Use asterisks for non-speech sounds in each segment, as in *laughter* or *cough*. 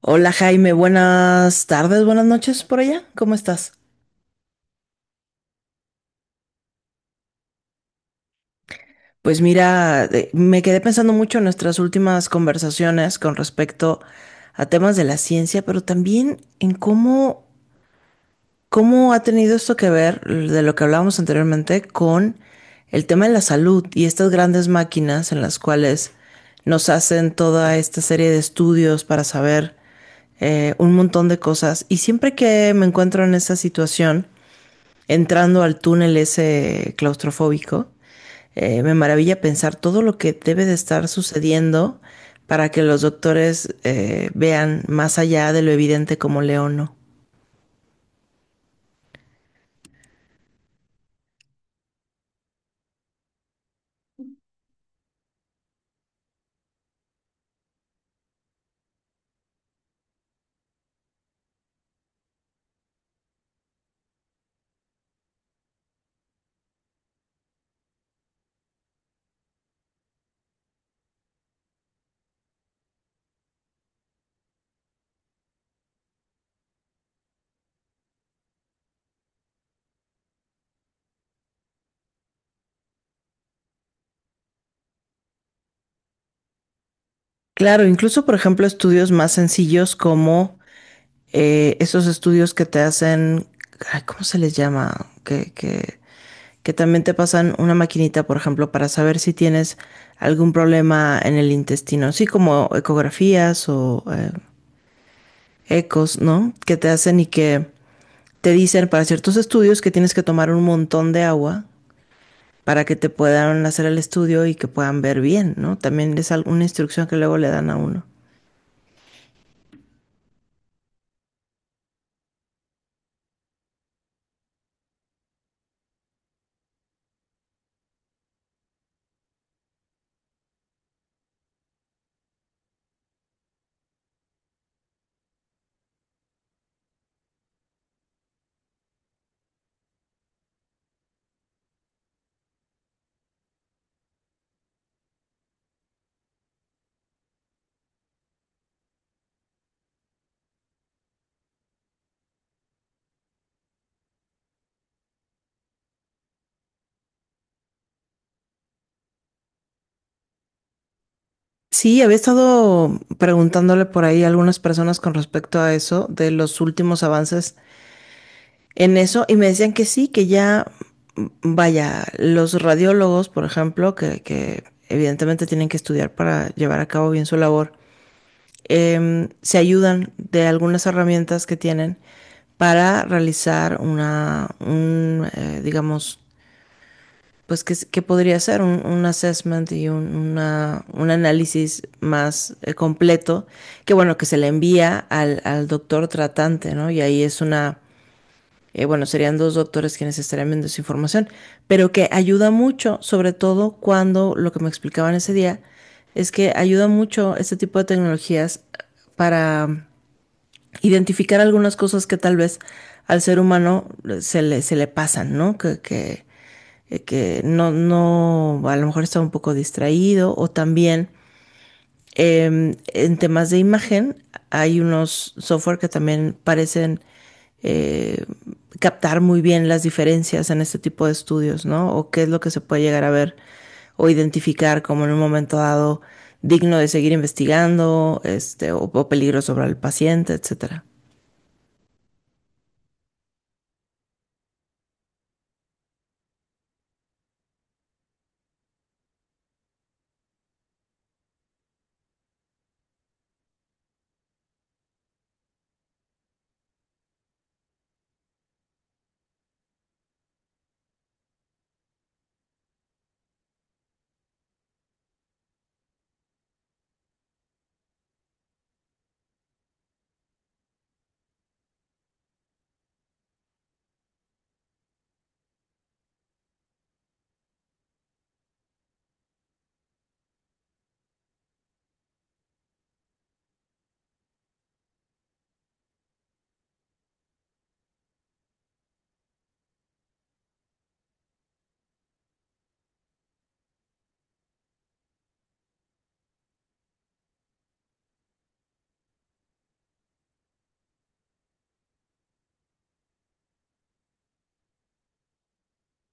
Hola Jaime, buenas tardes, buenas noches por allá, ¿cómo estás? Pues mira, me quedé pensando mucho en nuestras últimas conversaciones con respecto a temas de la ciencia, pero también en cómo ha tenido esto que ver de lo que hablábamos anteriormente con el tema de la salud y estas grandes máquinas en las cuales nos hacen toda esta serie de estudios para saber un montón de cosas. Y siempre que me encuentro en esa situación, entrando al túnel ese claustrofóbico, me maravilla pensar todo lo que debe de estar sucediendo para que los doctores vean más allá de lo evidente como león no. Claro, incluso por ejemplo estudios más sencillos como esos estudios que te hacen, ay, ¿cómo se les llama? Que, que, que también te pasan una maquinita, por ejemplo, para saber si tienes algún problema en el intestino, así como ecografías o ecos, ¿no? Que te hacen y que te dicen para ciertos estudios que tienes que tomar un montón de agua para que te puedan hacer el estudio y que puedan ver bien, ¿no? También es alguna instrucción que luego le dan a uno. Sí, había estado preguntándole por ahí a algunas personas con respecto a eso, de los últimos avances en eso, y me decían que sí, que ya, vaya, los radiólogos, por ejemplo, que evidentemente tienen que estudiar para llevar a cabo bien su labor, se ayudan de algunas herramientas que tienen para realizar digamos, pues podría ser un assessment y un análisis más completo, que bueno, que se le envía al doctor tratante, ¿no? Y ahí es una, bueno, serían dos doctores quienes estarían viendo esa información, pero que ayuda mucho, sobre todo cuando lo que me explicaban ese día, es que ayuda mucho este tipo de tecnologías para identificar algunas cosas que tal vez al ser humano se le pasan, ¿no? Que no, no, a lo mejor está un poco distraído o también en temas de imagen hay unos software que también parecen eh, captar muy bien las diferencias en este tipo de estudios, ¿no? O qué es lo que se puede llegar a ver o identificar como en un momento dado digno de seguir investigando, este, o peligro sobre el paciente, etcétera.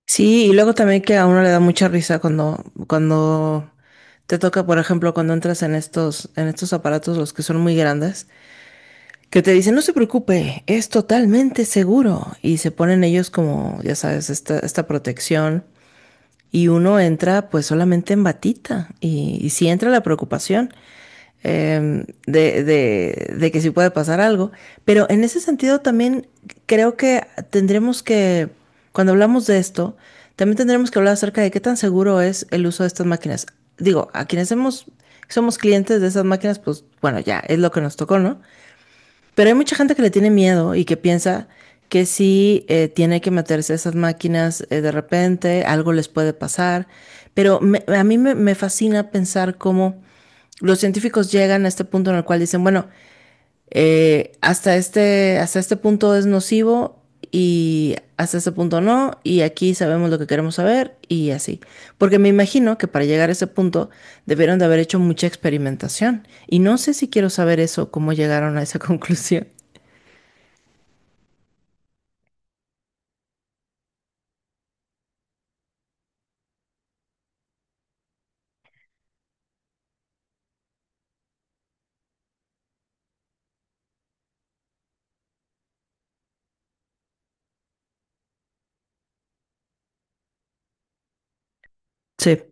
Sí, y luego también que a uno le da mucha risa cuando te toca, por ejemplo, cuando entras en en estos aparatos, los que son muy grandes, que te dicen, no se preocupe, es totalmente seguro. Y se ponen ellos como, ya sabes, esta protección. Y uno entra pues solamente en batita. Y sí entra la preocupación que sí puede pasar algo. Pero en ese sentido también creo que tendremos que, cuando hablamos de esto, también tendremos que hablar acerca de qué tan seguro es el uso de estas máquinas. Digo, a quienes hemos, somos clientes de esas máquinas, pues bueno, ya es lo que nos tocó, ¿no? Pero hay mucha gente que le tiene miedo y que piensa que si tiene que meterse a esas máquinas de repente, algo les puede pasar. A mí me fascina pensar cómo los científicos llegan a este punto en el cual dicen, bueno, hasta este punto es nocivo y hasta este punto no, y aquí sabemos lo que queremos saber y así. Porque me imagino que para llegar a ese punto debieron de haber hecho mucha experimentación. Y no sé si quiero saber eso, cómo llegaron a esa *laughs* conclusión. Sí,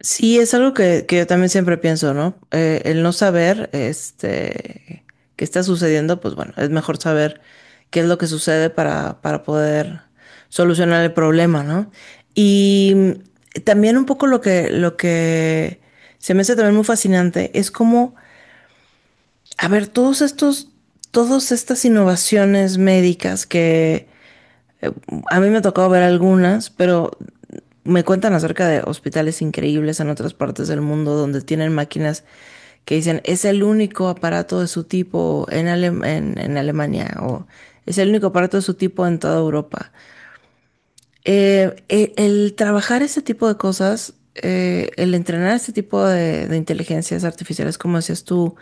sí, es algo que yo también siempre pienso, ¿no? El no saber, este, qué está sucediendo, pues bueno, es mejor saber qué es lo que sucede para poder solucionar el problema, ¿no? Y también un poco lo que se me hace también muy fascinante es como, a ver, todas estas innovaciones médicas que, Eh, a mí me ha tocado ver algunas, pero me cuentan acerca de hospitales increíbles en otras partes del mundo donde tienen máquinas que dicen es el único aparato de su tipo en Alemania o es el único aparato de su tipo en toda Europa. El trabajar ese tipo de cosas, el entrenar este tipo de inteligencias artificiales, como decías tú,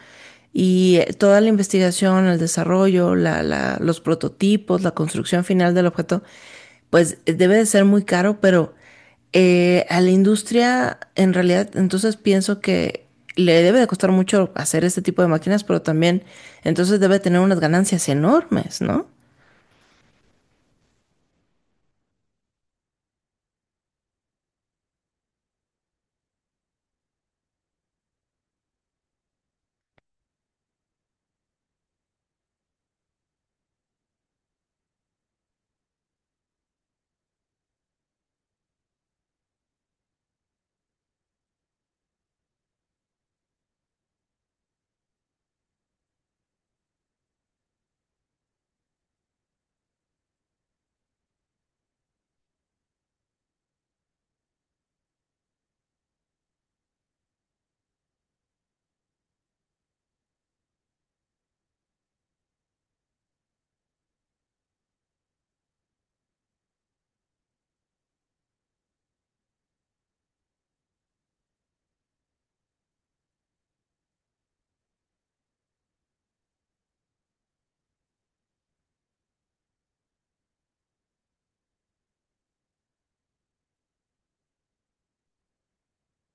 y toda la investigación, el desarrollo, los prototipos, la construcción final del objeto, pues debe de ser muy caro, pero a la industria, en realidad, entonces pienso que le debe de costar mucho hacer este tipo de máquinas, pero también entonces debe tener unas ganancias enormes, ¿no?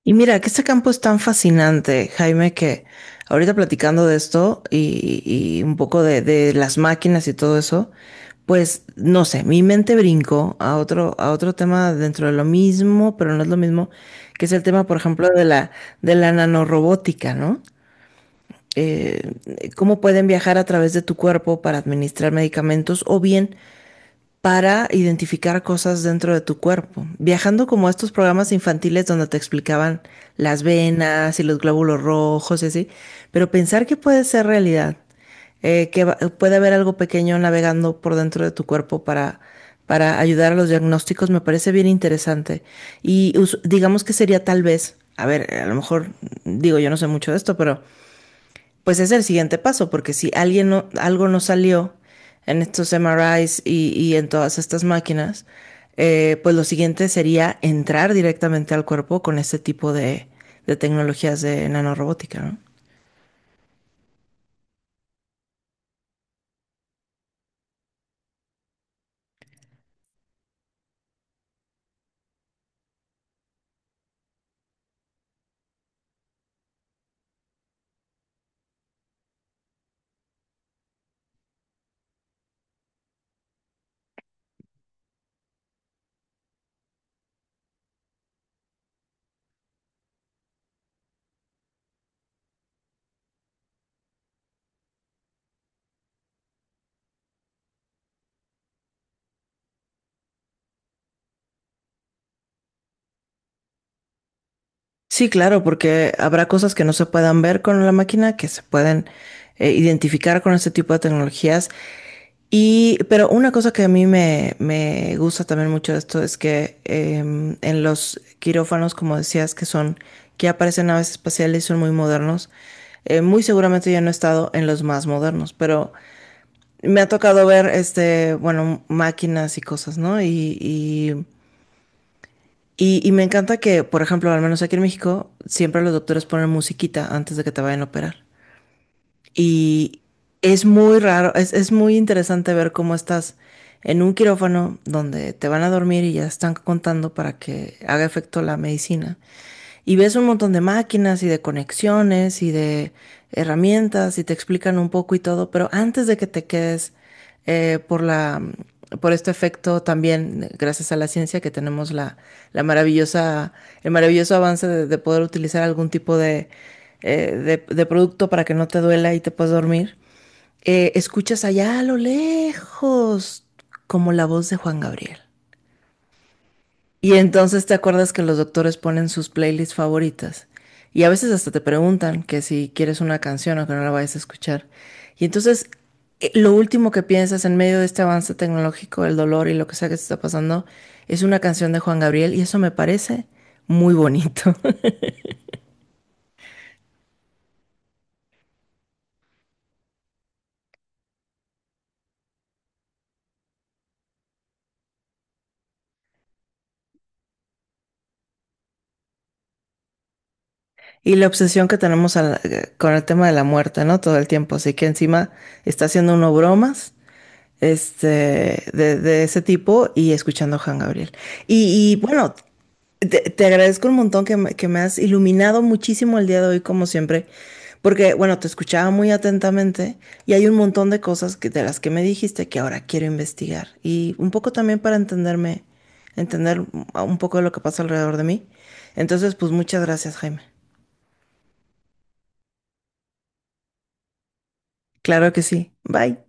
Y mira, que este campo es tan fascinante, Jaime, que ahorita platicando de esto y un poco de las máquinas y todo eso, pues no sé, mi mente brincó a a otro tema dentro de lo mismo, pero no es lo mismo, que es el tema, por ejemplo, de la nanorobótica, ¿no? Eh, Cómo pueden viajar a través de tu cuerpo para administrar medicamentos o bien para identificar cosas dentro de tu cuerpo. Viajando como a estos programas infantiles donde te explicaban las venas y los glóbulos rojos y así, pero pensar que puede ser realidad, puede haber algo pequeño navegando por dentro de tu cuerpo para ayudar a los diagnósticos, me parece bien interesante. Digamos que sería tal vez, a ver, a lo mejor digo, yo no sé mucho de esto, pero pues es el siguiente paso, porque si alguien no, algo no salió en estos MRIs y en todas estas máquinas, pues lo siguiente sería entrar directamente al cuerpo con este tipo de tecnologías de nanorobótica, ¿no? Sí, claro, porque habrá cosas que no se puedan ver con la máquina, que se pueden identificar con este tipo de tecnologías. Y, pero una cosa que a mí me gusta también mucho de esto es que en los quirófanos, como decías, que son, que aparecen naves espaciales y son muy modernos, muy seguramente yo no he estado en los más modernos, pero me ha tocado ver, este, bueno, máquinas y cosas, ¿no? Y me encanta que, por ejemplo, al menos aquí en México, siempre los doctores ponen musiquita antes de que te vayan a operar. Y es muy raro, es muy interesante ver cómo estás en un quirófano donde te van a dormir y ya están contando para que haga efecto la medicina. Y ves un montón de máquinas y de conexiones y de herramientas y te explican un poco y todo, pero antes de que te quedes eh, por la, por este efecto también, gracias a la ciencia que tenemos la maravillosa, el maravilloso avance de poder utilizar algún tipo de, eh, de producto para que no te duela y te puedas dormir, escuchas allá a lo lejos como la voz de Juan Gabriel. Y entonces te acuerdas que los doctores ponen sus playlists favoritas. Y a veces hasta te preguntan que si quieres una canción o que no la vayas a escuchar. Y entonces lo último que piensas en medio de este avance tecnológico, el dolor y lo que sea que te está pasando, es una canción de Juan Gabriel y eso me parece muy bonito. *laughs* Y la obsesión que tenemos con el tema de la muerte, ¿no? Todo el tiempo. Así que encima está haciendo uno bromas este, de ese tipo y escuchando a Juan Gabriel. Y bueno, te agradezco un montón que me has iluminado muchísimo el día de hoy, como siempre, porque bueno, te escuchaba muy atentamente y hay un montón de cosas que, de las que me dijiste que ahora quiero investigar y un poco también para entenderme, entender un poco de lo que pasa alrededor de mí. Entonces, pues muchas gracias, Jaime. Claro que sí. Bye.